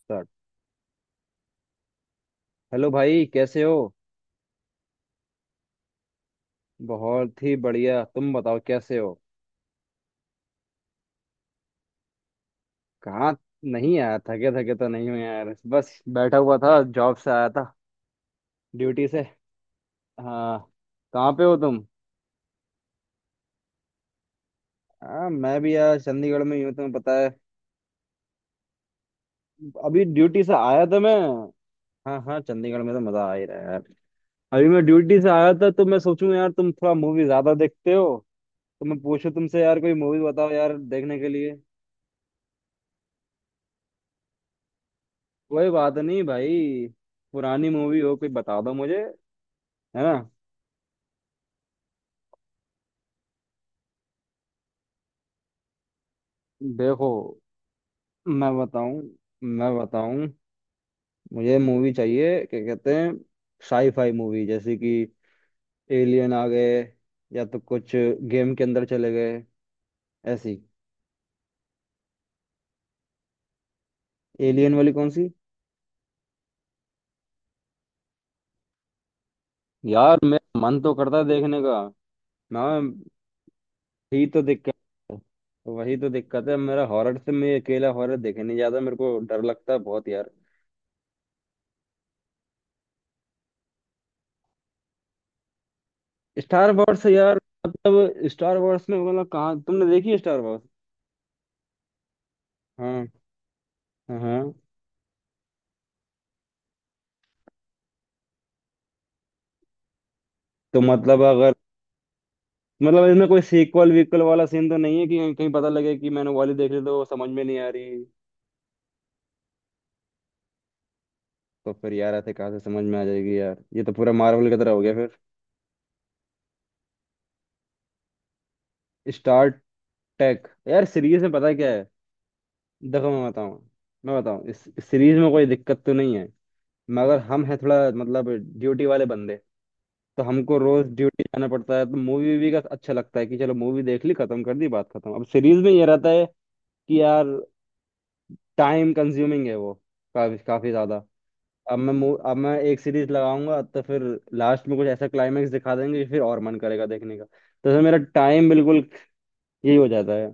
Start. Hello भाई कैसे हो। बहुत ही बढ़िया। तुम बताओ कैसे हो। कहाँ। नहीं आया थके थके तो नहीं हो यार, बस बैठा हुआ था, जॉब से आया था, ड्यूटी से। हाँ। कहाँ पे हो तुम? हाँ, मैं भी यार चंडीगढ़ में ही हूँ, तुम्हें पता है। अभी ड्यूटी से आया था मैं। हाँ हाँ, चंडीगढ़ में तो मजा आ ही रहा है यार। अभी मैं ड्यूटी से आया था तो मैं सोचूं यार, तुम थोड़ा मूवी ज्यादा देखते हो। तो मैं पूछूं तुमसे यार, कोई मूवी बताओ यार देखने के लिए। कोई बात नहीं भाई। पुरानी मूवी हो कोई बता दो मुझे। है ना। देखो, मैं बताऊं मैं बताऊं, मुझे मूवी चाहिए, क्या कहते हैं, साई फाई मूवी, जैसे कि एलियन आ गए, या तो कुछ गेम के अंदर चले गए, ऐसी। एलियन वाली कौन सी? यार मेरा मन तो करता है देखने का। मैं ही तो दिक्कत है। वही तो दिक्कत है मेरा, हॉरर से मैं अकेला हॉरर देखे नहीं जाता, मेरे को डर लगता है बहुत यार। स्टार वॉर्स यार। मतलब स्टार वॉर्स में मतलब, कहाँ तुमने देखी है स्टार वॉर्स? हाँ हाँ। तो मतलब अगर, मतलब इसमें कोई सीक्वल वीक्वल वाला सीन तो नहीं है कि कहीं कहीं पता लगे कि मैंने वाली देख ली तो वो समझ में नहीं आ रही। तो फिर यार ऐसे कहाँ से समझ में आ जाएगी यार, ये तो पूरा मार्वल की तरह हो गया फिर। स्टार टेक यार, सीरीज में पता है क्या है। देखो, मैं बताऊँ, इस सीरीज में कोई दिक्कत तो नहीं है, मगर हम हैं थोड़ा, मतलब ड्यूटी वाले बंदे। तो हमको रोज ड्यूटी जाना पड़ता है, तो मूवी वूवी का अच्छा लगता है कि चलो मूवी देख ली खत्म कर दी बात खत्म। अब सीरीज में ये रहता है कि यार टाइम कंज्यूमिंग है वो, काफी काफी ज्यादा। अब मैं एक सीरीज लगाऊंगा तो फिर लास्ट में कुछ ऐसा क्लाइमेक्स दिखा देंगे कि फिर और मन करेगा देखने का, तो फिर मेरा टाइम बिल्कुल यही हो जाता है।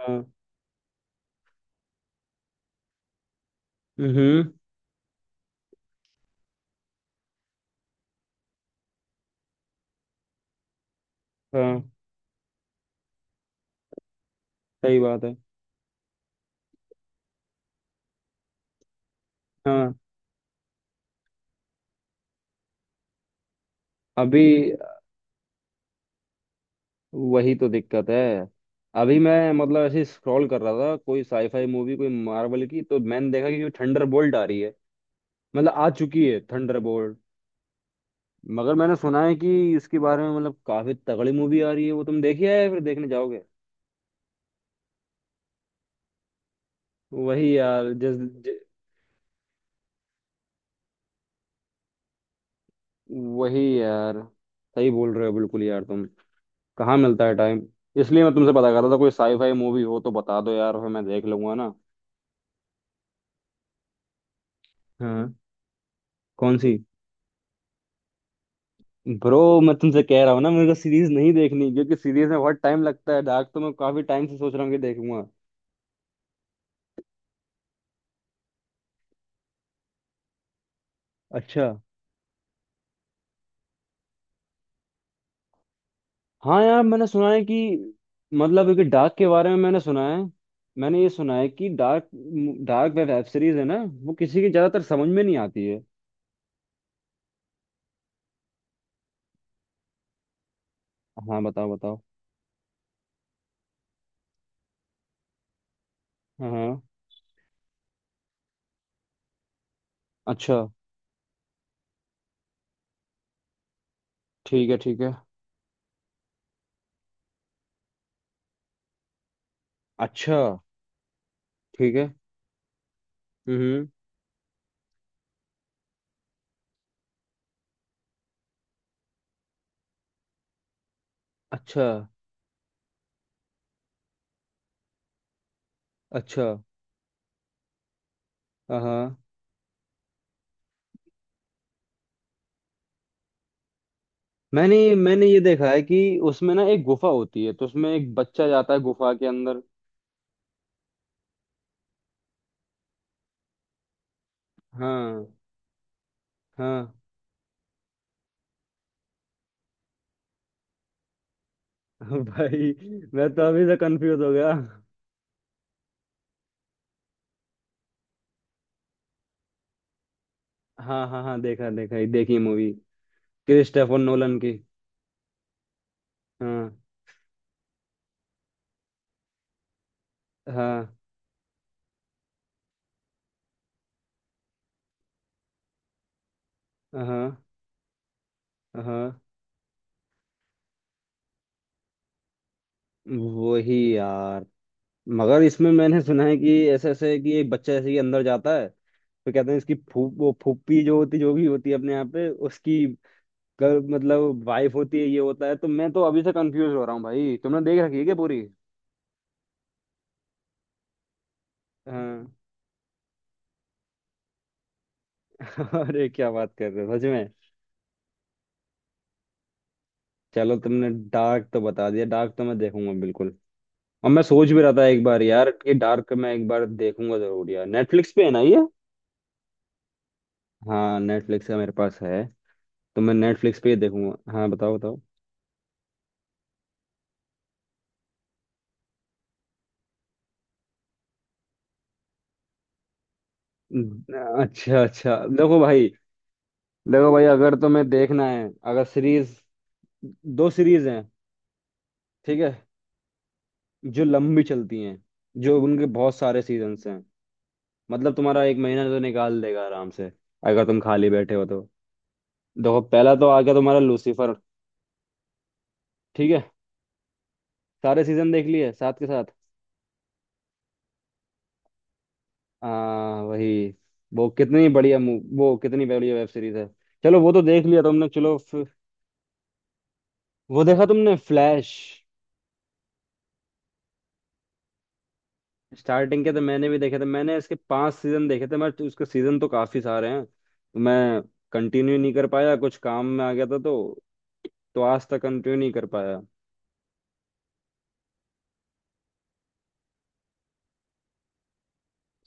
हाँ। हम्म। हाँ, सही बात है। हाँ। अभी वही तो दिक्कत है। अभी मैं मतलब ऐसे स्क्रॉल कर रहा था, कोई साईफाई मूवी कोई मार्वल की, तो मैंने देखा कि थंडर बोल्ट आ रही है। मतलब आ चुकी है थंडर बोल्ट। मगर मैंने सुना है कि इसके बारे में मतलब काफी तगड़ी मूवी आ रही है वो, तुम देखी है या फिर देखने जाओगे? वही यार जिस वही यार, सही बोल रहे हो बिल्कुल यार तुम। कहाँ मिलता है टाइम। इसलिए मैं तुमसे पता कर रहा था, कोई साई फाई मूवी हो तो बता दो यार, फिर मैं देख लूंगा ना। हाँ, कौन सी? ब्रो, मैं तुमसे कह रहा हूँ ना, मेरे को सीरीज नहीं देखनी क्योंकि सीरीज में बहुत टाइम लगता है। डार्क तो मैं काफी टाइम से सोच रहा हूँ कि देखूंगा। अच्छा। हाँ यार, मैंने सुना है कि, मतलब कि डार्क के बारे में मैंने सुना है। मैंने ये सुना है कि डार्क, डार्क वेब सीरीज है ना, वो किसी की ज्यादातर समझ में नहीं आती है। हाँ, बताओ बताओ। हाँ। अच्छा। ठीक है ठीक है। अच्छा। ठीक है। हम्म। अच्छा अच्छा। हाँ। मैंने मैंने ये देखा है कि उसमें ना एक गुफा होती है तो उसमें एक बच्चा जाता है गुफा के अंदर। हाँ हाँ। भाई, मैं तो अभी से कंफ्यूज हो गया। हाँ हाँ हाँ, देखा देखा, ये देखी मूवी, क्रिस्टोफर नोलन की। हाँ हाँ हाँ हाँ। वही यार, मगर इसमें मैंने सुना है कि ऐसे ऐसे कि एक बच्चा ऐसे ही अंदर जाता है, तो कहते हैं इसकी फू वो फूफी जो होती जो भी होती है अपने यहाँ पे, उसकी मतलब वाइफ होती है, ये होता है। तो मैं तो अभी से कंफ्यूज हो रहा हूँ भाई, तुमने देख रखी है क्या पूरी? हाँ। अरे क्या बात कर रहे हो सच में। चलो, तुमने डार्क तो बता दिया, डार्क तो मैं देखूंगा बिल्कुल। और मैं सोच भी रहा था एक बार यार कि डार्क मैं एक बार देखूंगा जरूर यार, नेटफ्लिक्स पे है ना ये? हाँ, नेटफ्लिक्स का मेरे पास है। तो मैं नेटफ्लिक्स पे ही देखूंगा। हाँ, बताओ बताओ। अच्छा अच्छा। देखो भाई, अगर तुम्हें देखना है, अगर सीरीज, दो सीरीज हैं, ठीक है, जो लंबी चलती हैं, जो उनके बहुत सारे सीजन्स हैं, मतलब तुम्हारा एक महीना तो निकाल देगा आराम से, अगर तुम खाली बैठे हो तो। देखो, पहला तो आ गया तुम्हारा लूसीफर। ठीक है। सारे सीजन देख लिए साथ के साथ। आ, वही। वो कितनी बढ़िया वेब सीरीज है। चलो, वो तो देख लिया तुमने, चलो फिर-। वो देखा तुमने फ्लैश? स्टार्टिंग के तो मैंने भी देखे थे, मैंने इसके 5 सीजन देखे थे, उसके सीजन तो काफी सारे हैं तो मैं कंटिन्यू नहीं कर पाया, कुछ काम में आ गया था तो। तो आज तक कंटिन्यू नहीं कर पाया।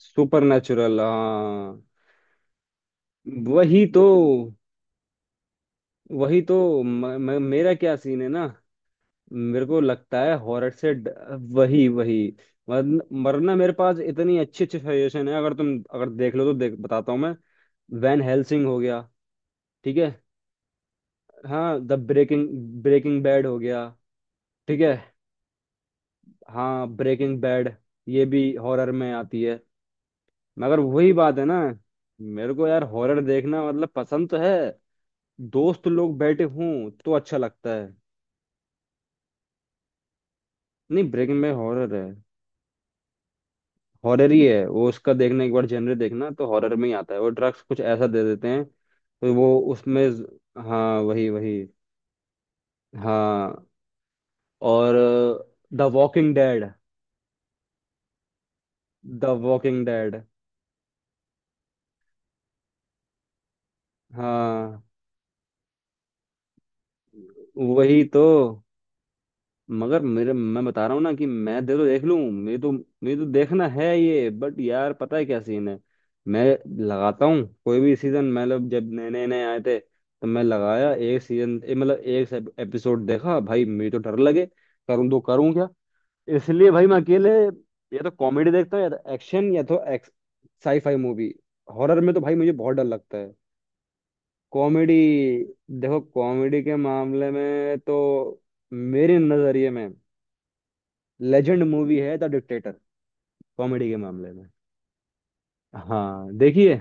सुपर नेचुरल, हाँ। वही तो वही तो, म, म, मेरा क्या सीन है ना। मेरे को लगता है हॉरर से। वही वही। वरना मेरे पास इतनी अच्छी अच्छी सजेशन है, अगर देख लो तो देख बताता हूँ मैं। वैन हेल्सिंग हो गया। ठीक है। हाँ, द ब्रेकिंग ब्रेकिंग बैड हो गया। ठीक है। हाँ, ब्रेकिंग बैड ये भी हॉरर में आती है, मगर वही बात है ना, मेरे को यार हॉरर देखना मतलब पसंद तो है, दोस्त लोग बैठे हों तो अच्छा लगता है। नहीं, ब्रेकिंग बैड हॉरर है। हॉरर ही है वो, उसका देखना एक बार जनरे देखना तो हॉरर में ही आता है वो, ड्रग्स कुछ ऐसा दे देते हैं तो वो उसमें। हाँ, वही वही। हाँ। और the Walking Dead. The Walking Dead. हाँ, वही तो। मगर मेरे, मैं बता रहा हूँ ना कि मैं दे तो देख लूँ, मेरे तो देखना है ये, बट यार पता है क्या सीन है। मैं लगाता हूँ कोई भी सीजन, मतलब जब नए नए नए आए थे, तो मैं लगाया एक सीजन, मतलब एक एपिसोड देखा भाई, मेरे तो डर लगे, करूँ तो करूँ क्या। इसलिए भाई मैं अकेले, या तो कॉमेडी देखता हूँ, या तो एक्शन, या तो एक्स, साईफाई मूवी, हॉरर में तो भाई मुझे बहुत डर लगता है। कॉमेडी? देखो, कॉमेडी के मामले में तो, मेरे नजरिए में लेजेंड मूवी है द डिक्टेटर, कॉमेडी के मामले में। हाँ, देखिए।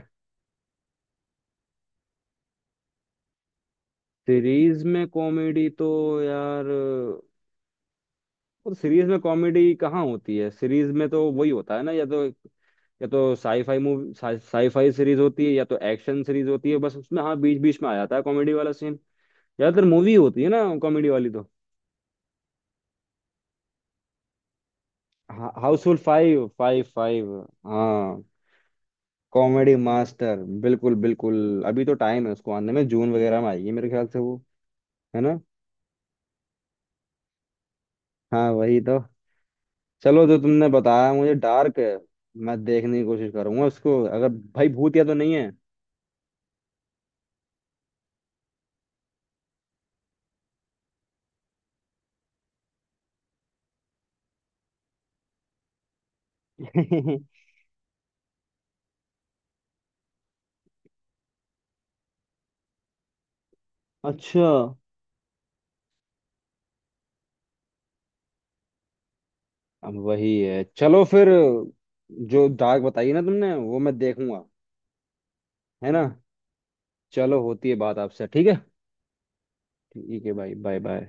सीरीज में कॉमेडी तो यार, और सीरीज में कॉमेडी कहाँ होती है? सीरीज में तो वही होता है ना, या तो साईफाई सीरीज होती है या तो एक्शन सीरीज होती है, बस उसमें हाँ बीच बीच में आ जाता है कॉमेडी वाला सीन। ज्यादातर मूवी होती है ना कॉमेडी वाली तो। हाउसफुल फाइव फाइव फाइव हाँ, कॉमेडी मास्टर, बिल्कुल बिल्कुल अभी तो टाइम है उसको आने में, जून वगैरह में आएगी मेरे ख्याल से वो, है ना। हाँ, वही तो। चलो, जो तुमने बताया मुझे डार्क है, मैं देखने की कोशिश करूंगा उसको अगर। भाई भूतिया तो नहीं है? अच्छा, अब वही है, चलो फिर। जो डार्क बताई ना तुमने वो मैं देखूंगा। है ना, चलो, होती है बात आपसे, ठीक है। ठीक है भाई, बाय बाय।